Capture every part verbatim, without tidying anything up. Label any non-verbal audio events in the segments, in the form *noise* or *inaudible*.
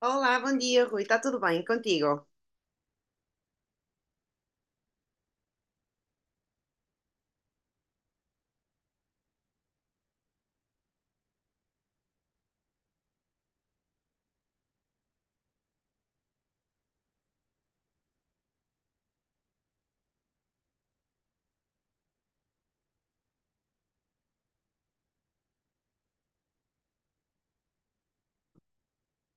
Olá, bom dia, Rui. Está tudo bem contigo?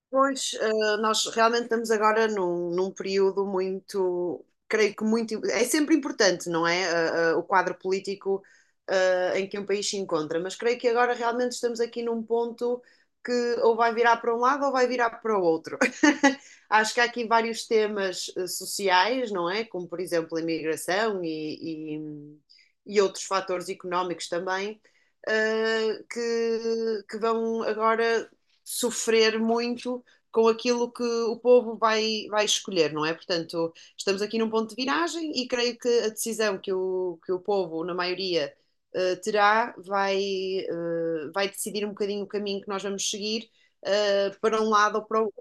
Pois, eh, nós realmente estamos agora num, num período muito, creio que muito, é sempre importante, não é? Eh, eh, o quadro político, eh, em que um país se encontra, mas creio que agora realmente estamos aqui num ponto que ou vai virar para um lado ou vai virar para o outro. *laughs* Acho que há aqui vários temas, eh, sociais, não é? Como, por exemplo, a imigração e, e, e outros fatores económicos também, eh, que, que vão agora sofrer muito com aquilo que o povo vai, vai escolher, não é? Portanto, estamos aqui num ponto de viragem e creio que a decisão que o, que o povo, na maioria, eh, terá vai, eh, vai decidir um bocadinho o caminho que nós vamos seguir, eh, para um lado ou para o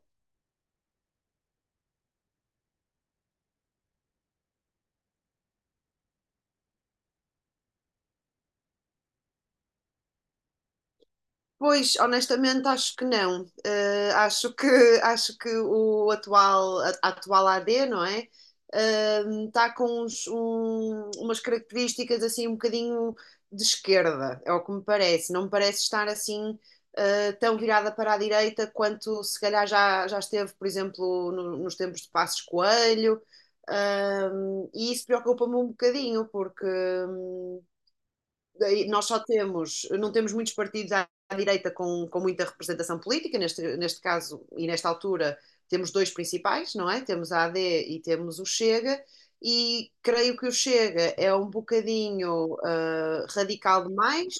Pois, honestamente, acho que não. Eh, acho que, *laughs* acho que o atual, a a atual A D, não é? Está com uns- um- umas características assim um bocadinho de esquerda, é o que me parece. Não me parece estar assim eh, tão virada para a direita quanto se calhar já, já esteve, por exemplo, no- nos tempos de Passos Coelho. Ahm, e isso preocupa-me um bocadinho, porque hum, nós só temos, não temos muitos partidos à direita com, com muita representação política, neste, neste caso e nesta altura temos dois principais, não é? Temos a AD e temos o Chega, e creio que o Chega é um bocadinho uh, radical demais.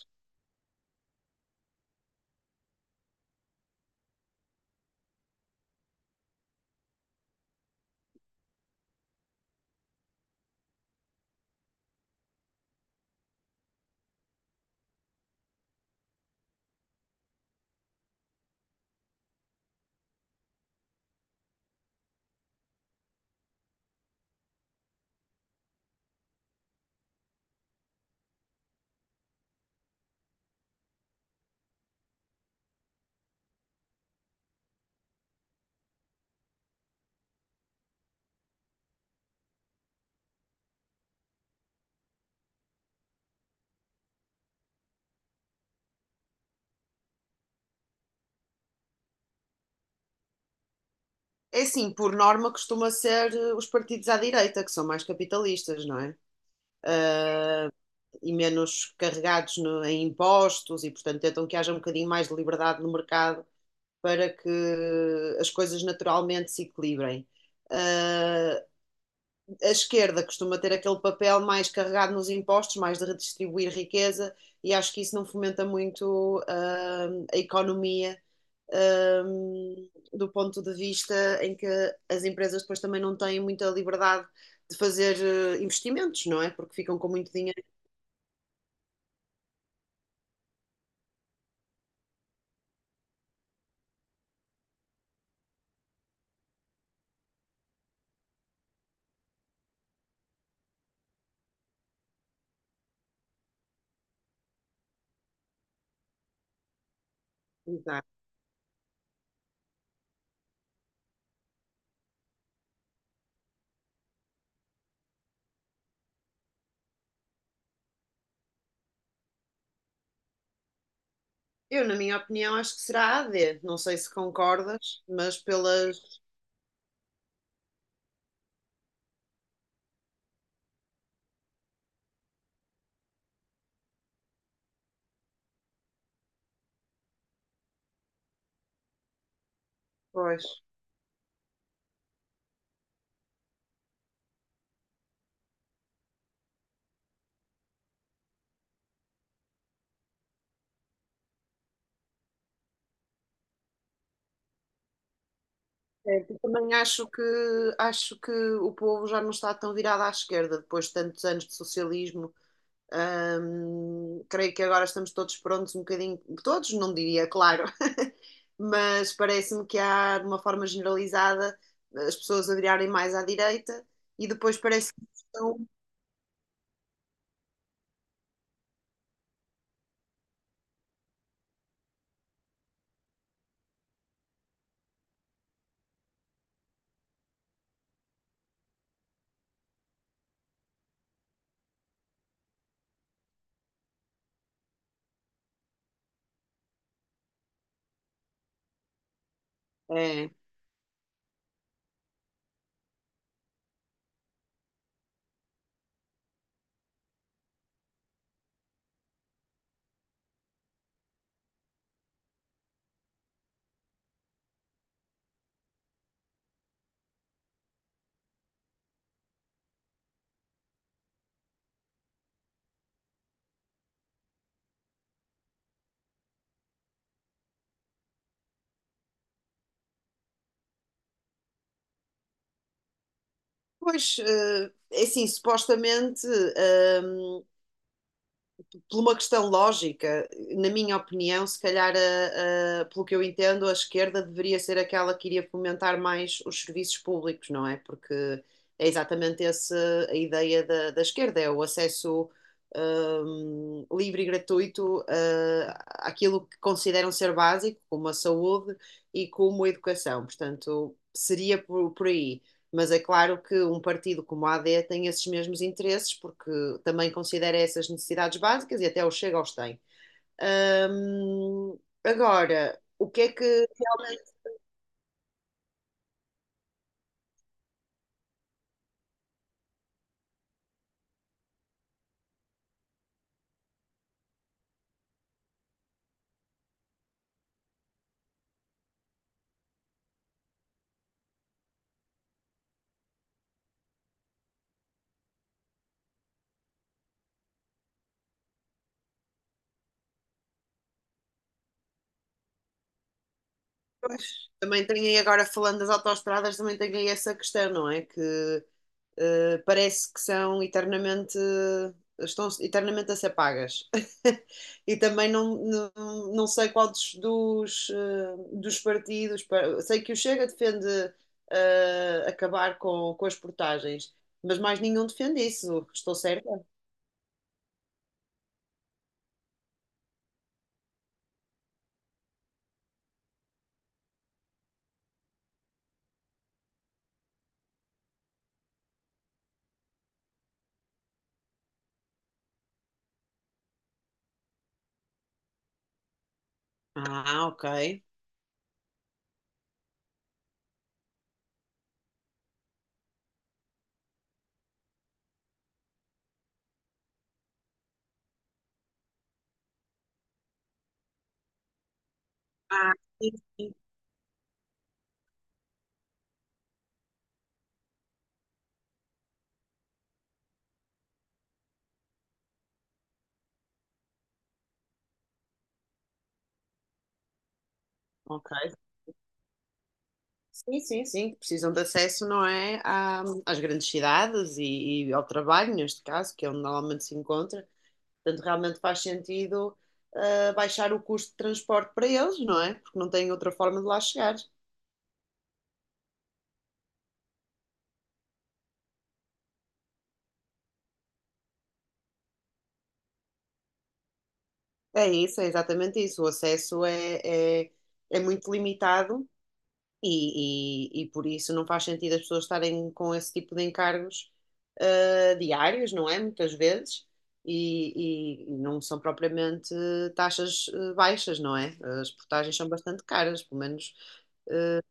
É assim, por norma costuma ser ah, os partidos à direita, que são mais capitalistas, não é? Uh, e menos carregados no, em impostos e, portanto, tentam que haja um bocadinho mais de liberdade no mercado para que as coisas naturalmente se equilibrem. Ah, a esquerda costuma ter aquele papel mais carregado nos impostos, mais de redistribuir riqueza, e acho que isso não fomenta muito ah, a economia, ah, do ponto de vista em que as empresas depois também não têm muita liberdade de fazer eh, investimentos, não é? Porque ficam com muito dinheiro. Eu, na minha opinião, acho que será a AD. Não sei se concordas, mas pelas. Pois. Certo. Também acho que, acho que o povo já não está tão virado à esquerda depois de tantos anos de socialismo. Hum, creio que agora estamos todos prontos, um bocadinho, todos, não diria, claro, *laughs* mas parece-me que há, de uma forma generalizada, as pessoas a virarem mais à direita e depois parece que estão. É, pois, eh, é assim, supostamente, ehm, por uma questão lógica, na minha opinião, se calhar, a- a- pelo que eu entendo, a esquerda deveria ser aquela que iria fomentar mais os serviços públicos, não é? Porque é exatamente essa a ideia da, da esquerda, é o acesso, ehm, livre e gratuito, eh, àquilo que consideram ser básico, como a saúde e como a educação. Portanto, seria por por aí. Mas é claro que um partido como a AD tem esses mesmos interesses, porque também considera essas necessidades básicas e até o Chega os tem. Hum, Agora, o que é que realmente também tem aí, agora falando das autoestradas, também tem aí essa questão, não é? Que eh, parece que são eternamente, estão eternamente a ser pagas. *laughs* E também não, não, não sei qual dos, dos, eh, dos partidos, pa- sei que o Chega defende eh, acabar com, com as portagens, mas mais nenhum defende isso, estou certa? Ah, ok. Ah, sim, sim. Ok. Sim, sim, sim, que precisam de acesso, não é, à- às grandes cidades e, e ao trabalho, neste caso, que é onde normalmente se encontra. Portanto, realmente faz sentido, ah, baixar o custo de transporte para eles, não é? Porque não têm outra forma de lá chegar. É isso, é exatamente isso. O acesso é, é, é muito limitado. E, e, e por isso não faz sentido as pessoas estarem com esse tipo de encargos ah, diários, não é? Muitas vezes. E, e- e não são propriamente taxas ah, baixas, não é? As portagens são bastante caras, pelo menos ah,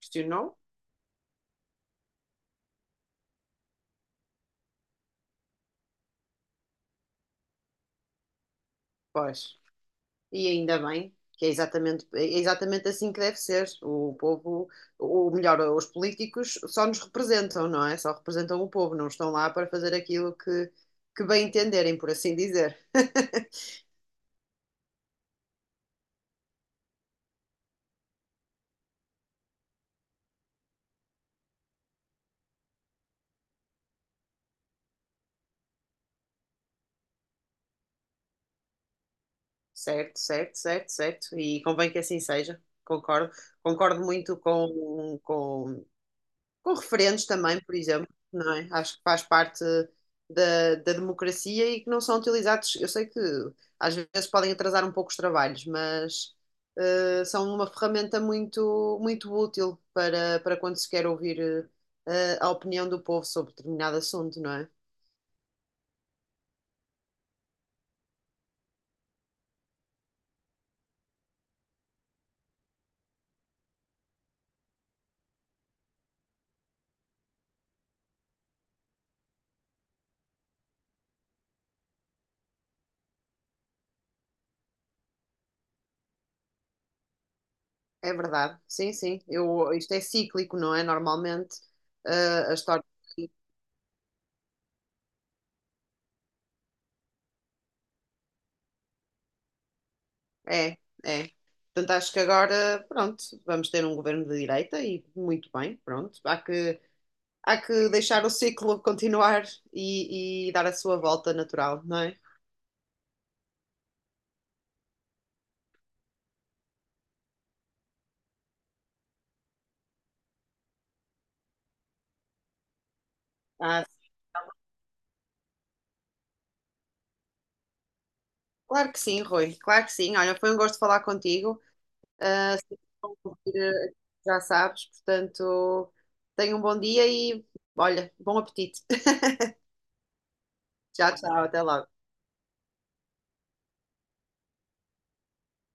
questionou? Pois. E ainda bem, que é exatamente, é exatamente assim que deve ser. O povo, ou melhor, os políticos só nos representam, não é? Só representam o povo, não estão lá para fazer aquilo que, que bem entenderem, por assim dizer. *laughs* Certo, certo, certo, certo. E convém que assim seja, concordo. Concordo muito com, com, com referendos também, por exemplo, não é? Acho que faz parte da, da democracia e que não são utilizados. Eu sei que às vezes podem atrasar um pouco os trabalhos, mas eh, são uma ferramenta muito, muito útil para, para quando se quer ouvir eh, a opinião do povo sobre determinado assunto, não é? É verdade, sim, sim. Eu, isto é cíclico, não é? Normalmente, eh, a história. É, é. Portanto, acho que agora, pronto, vamos ter um governo de direita e muito bem, pronto. Há que, há que deixar o ciclo *laughs* continuar e, e dar a sua volta natural, não é? Ah, claro que sim, Rui, claro que sim. Olha, foi um gosto falar contigo. Ah, se não ouvir, eh, já sabes, portanto, tenha um bom dia e, olha, bom apetite. *laughs* Tchau, tchau, até logo.